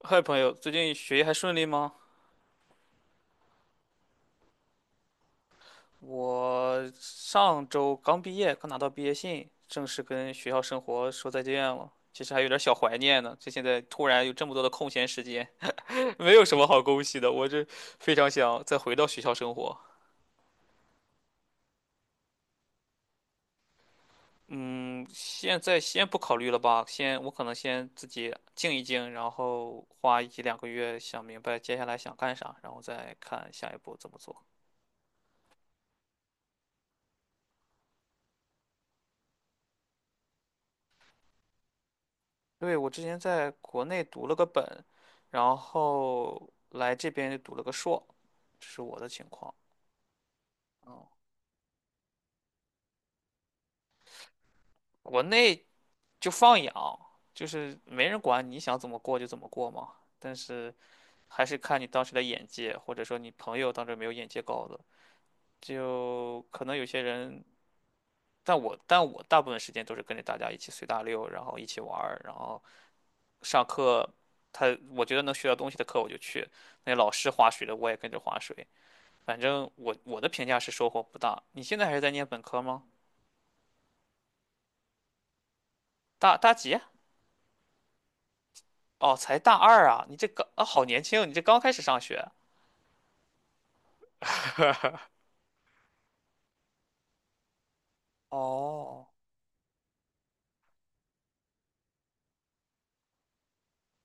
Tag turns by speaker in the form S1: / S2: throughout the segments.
S1: 嗨，朋友，最近学业还顺利吗？我上周刚毕业，刚拿到毕业信，正式跟学校生活说再见了。其实还有点小怀念呢，现在突然有这么多的空闲时间，没有什么好恭喜的。我这非常想再回到学校生活。嗯，现在先不考虑了吧，先我可能先自己静一静，然后花一两个月想明白接下来想干啥，然后再看下一步怎么做。对，我之前在国内读了个本，然后来这边就读了个硕，这是我的情况。嗯，国内就放养，就是没人管你想怎么过就怎么过嘛。但是还是看你当时的眼界，或者说你朋友当时有没有眼界高的，就可能有些人。但我大部分时间都是跟着大家一起随大溜，然后一起玩儿，然后上课，他我觉得能学到东西的课我就去，那老师划水的我也跟着划水。反正我的评价是收获不大。你现在还是在念本科吗？大几啊？哦，才大二啊！你这刚啊，好年轻，你这刚开始上学。哦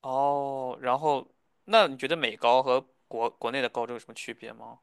S1: 哦，然后那你觉得美高和国内的高中有什么区别吗？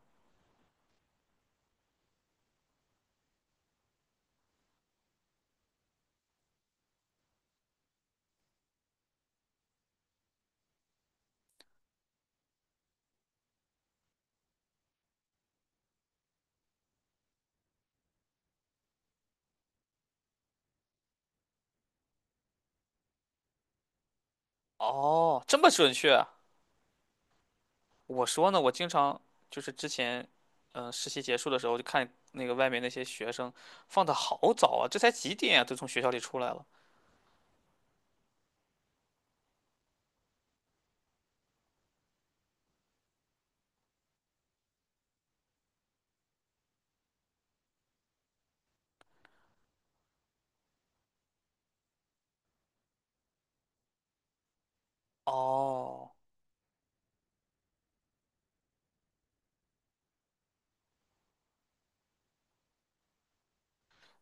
S1: 哦，这么准确？我说呢，我经常就是之前，实习结束的时候就看那个外面那些学生放的好早啊，这才几点啊，都从学校里出来了。哦，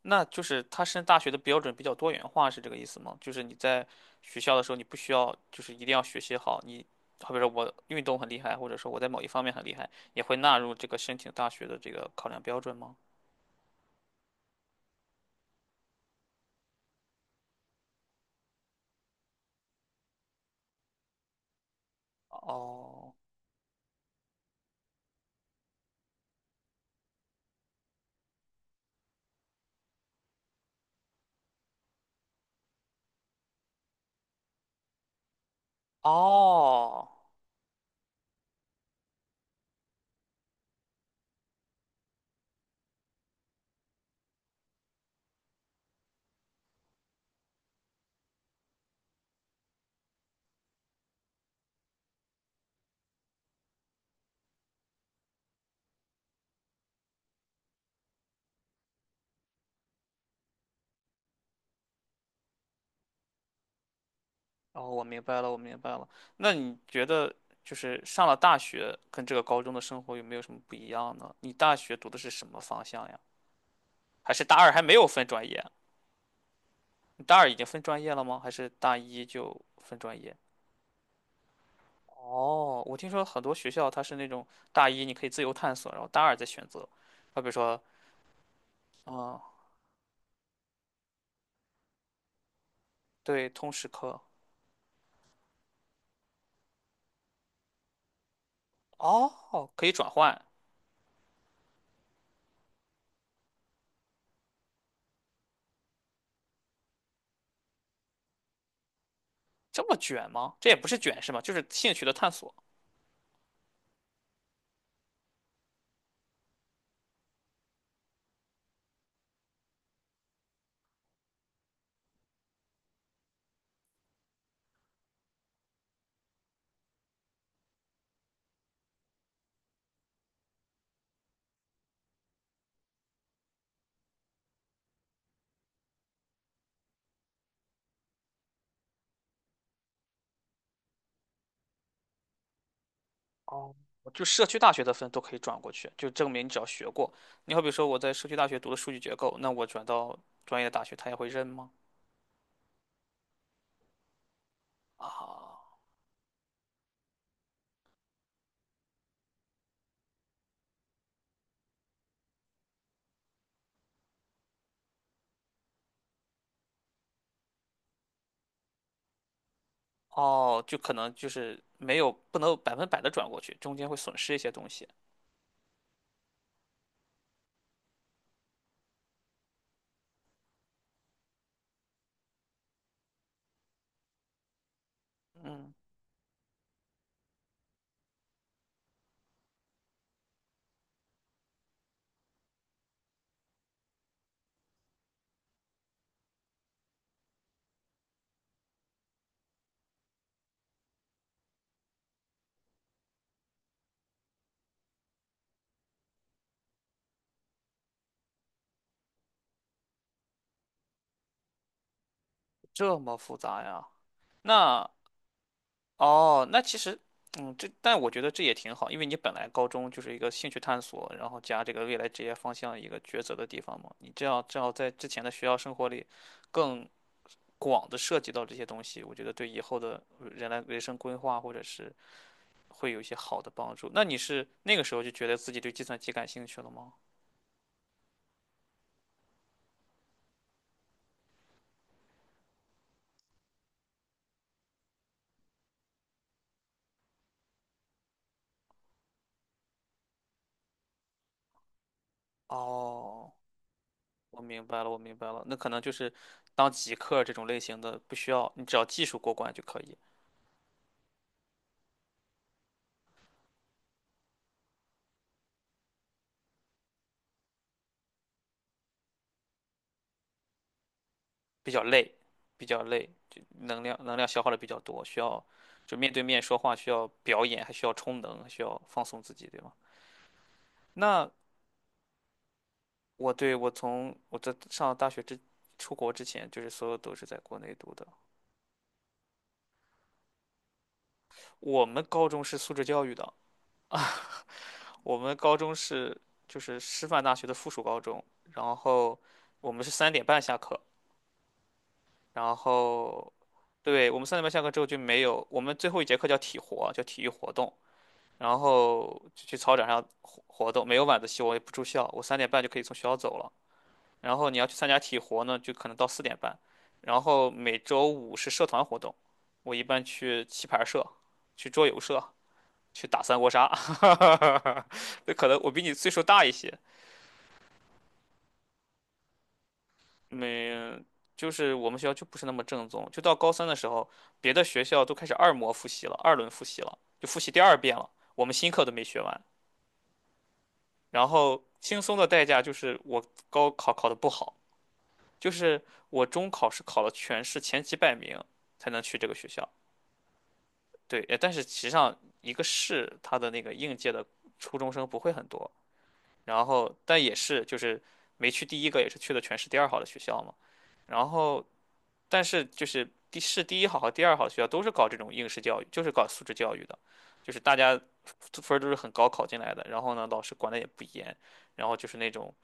S1: 那就是他升大学的标准比较多元化，是这个意思吗？就是你在学校的时候，你不需要就是一定要学习好，你好比说我运动很厉害，或者说我在某一方面很厉害，也会纳入这个申请大学的这个考量标准吗？哦哦哦，我明白了，我明白了。那你觉得就是上了大学跟这个高中的生活有没有什么不一样呢？你大学读的是什么方向呀？还是大二还没有分专业？你大二已经分专业了吗？还是大一就分专业？哦，我听说很多学校它是那种大一你可以自由探索，然后大二再选择。啊，比如说，嗯，对，通识课，哦，可以转换，这么卷吗？这也不是卷是吗？就是兴趣的探索。哦，就社区大学的分都可以转过去，就证明你只要学过。你好比说我在社区大学读的数据结构，那我转到专业的大学，他也会认吗？啊，哦，就可能就是没有不能百分百的转过去，中间会损失一些东西。嗯，这么复杂呀？那哦，那其实，这但我觉得这也挺好，因为你本来高中就是一个兴趣探索，然后加这个未来职业方向一个抉择的地方嘛。你这样正好在之前的学校生活里，更广的涉及到这些东西，我觉得对以后的人生规划或者是会有一些好的帮助。那你是那个时候就觉得自己对计算机感兴趣了吗？哦，我明白了，我明白了，那可能就是当极客这种类型的，不需要你只要技术过关就可以。比较累，比较累，就能量消耗的比较多，需要就面对面说话，需要表演，还需要充能，还需要放松自己，对吗？那对，我在上大学之出国之前，就是所有都是在国内读的。我们高中是素质教育的，我们高中是就是师范大学的附属高中，然后我们是三点半下课，然后对我们三点半下课之后就没有，我们最后一节课叫体活，叫体育活动，然后就去操场上活动，没有晚自习，我也不住校，我三点半就可以从学校走了。然后你要去参加体活呢，就可能到4点半。然后每周五是社团活动，我一般去棋牌社、去桌游社、去打三国杀。那可能我比你岁数大一些，没，就是我们学校就不是那么正宗。就到高三的时候，别的学校都开始二模复习了，二轮复习了，就复习第二遍了，我们新课都没学完。然后轻松的代价就是我高考考得不好，就是我中考是考了全市前几百名才能去这个学校。对，但是实际上一个市它的那个应届的初中生不会很多，然后但也是就是没去第一个，也是去的全市第二好的学校嘛。然后但是就是市第一好和第二好的学校都是搞这种应试教育，就是搞素质教育的，就是大家分儿都是很高考进来的，然后呢老师管的也不严，然后就是那种。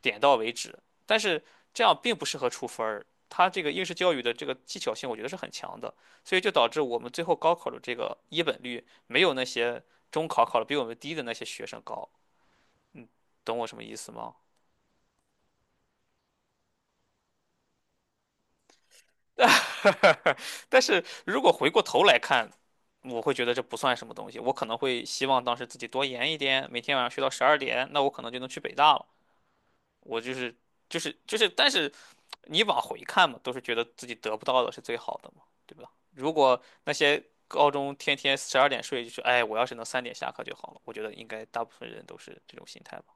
S1: 点到为止。但是这样并不适合出分儿，它这个应试教育的这个技巧性，我觉得是很强的，所以就导致我们最后高考的这个一本率没有那些中考考的比我们低的那些学生高。嗯，懂我什么意思吗？但是如果回过头来看，我会觉得这不算什么东西，我可能会希望当时自己多研一点，每天晚上学到十二点，那我可能就能去北大了。我就是就是就是但是你往回看嘛，都是觉得自己得不到的是最好的嘛，对吧？如果那些高中天天十二点睡，就是哎，我要是能三点下课就好了，我觉得应该大部分人都是这种心态吧。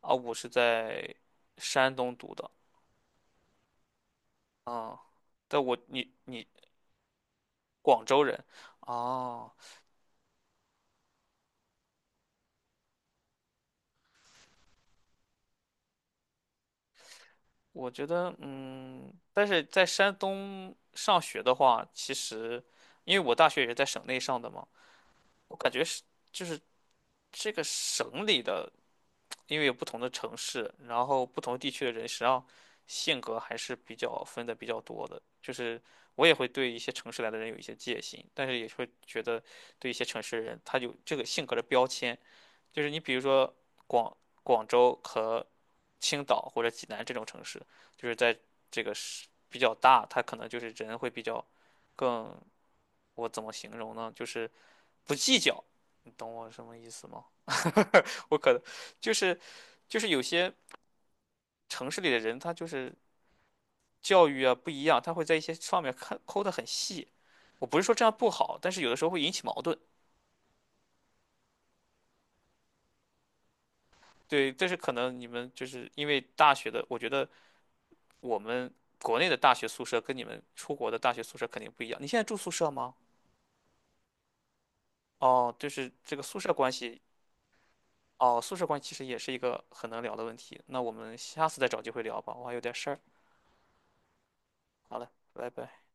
S1: 啊，我是在山东读的啊，但我你你广州人啊，我觉得但是在山东上学的话，其实因为我大学也是在省内上的嘛，我感觉是就是这个省里的，因为有不同的城市，然后不同地区的人，实际上性格还是比较分的比较多的。就是我也会对一些城市来的人有一些戒心，但是也会觉得对一些城市的人，他有这个性格的标签。就是你比如说广广州和青岛或者济南这种城市，就是在这个是比较大，他可能就是人会比较更，我怎么形容呢？就是不计较，你懂我什么意思吗？我可能就是就是有些城市里的人，他就是教育啊不一样，他会在一些方面看抠得很细。我不是说这样不好，但是有的时候会引起矛盾。对，但是可能你们就是因为大学的，我觉得我们国内的大学宿舍跟你们出国的大学宿舍肯定不一样。你现在住宿舍吗？哦，就是这个宿舍关系。哦，宿舍关系其实也是一个很能聊的问题。那我们下次再找机会聊吧，我还有点事儿。好了，拜拜。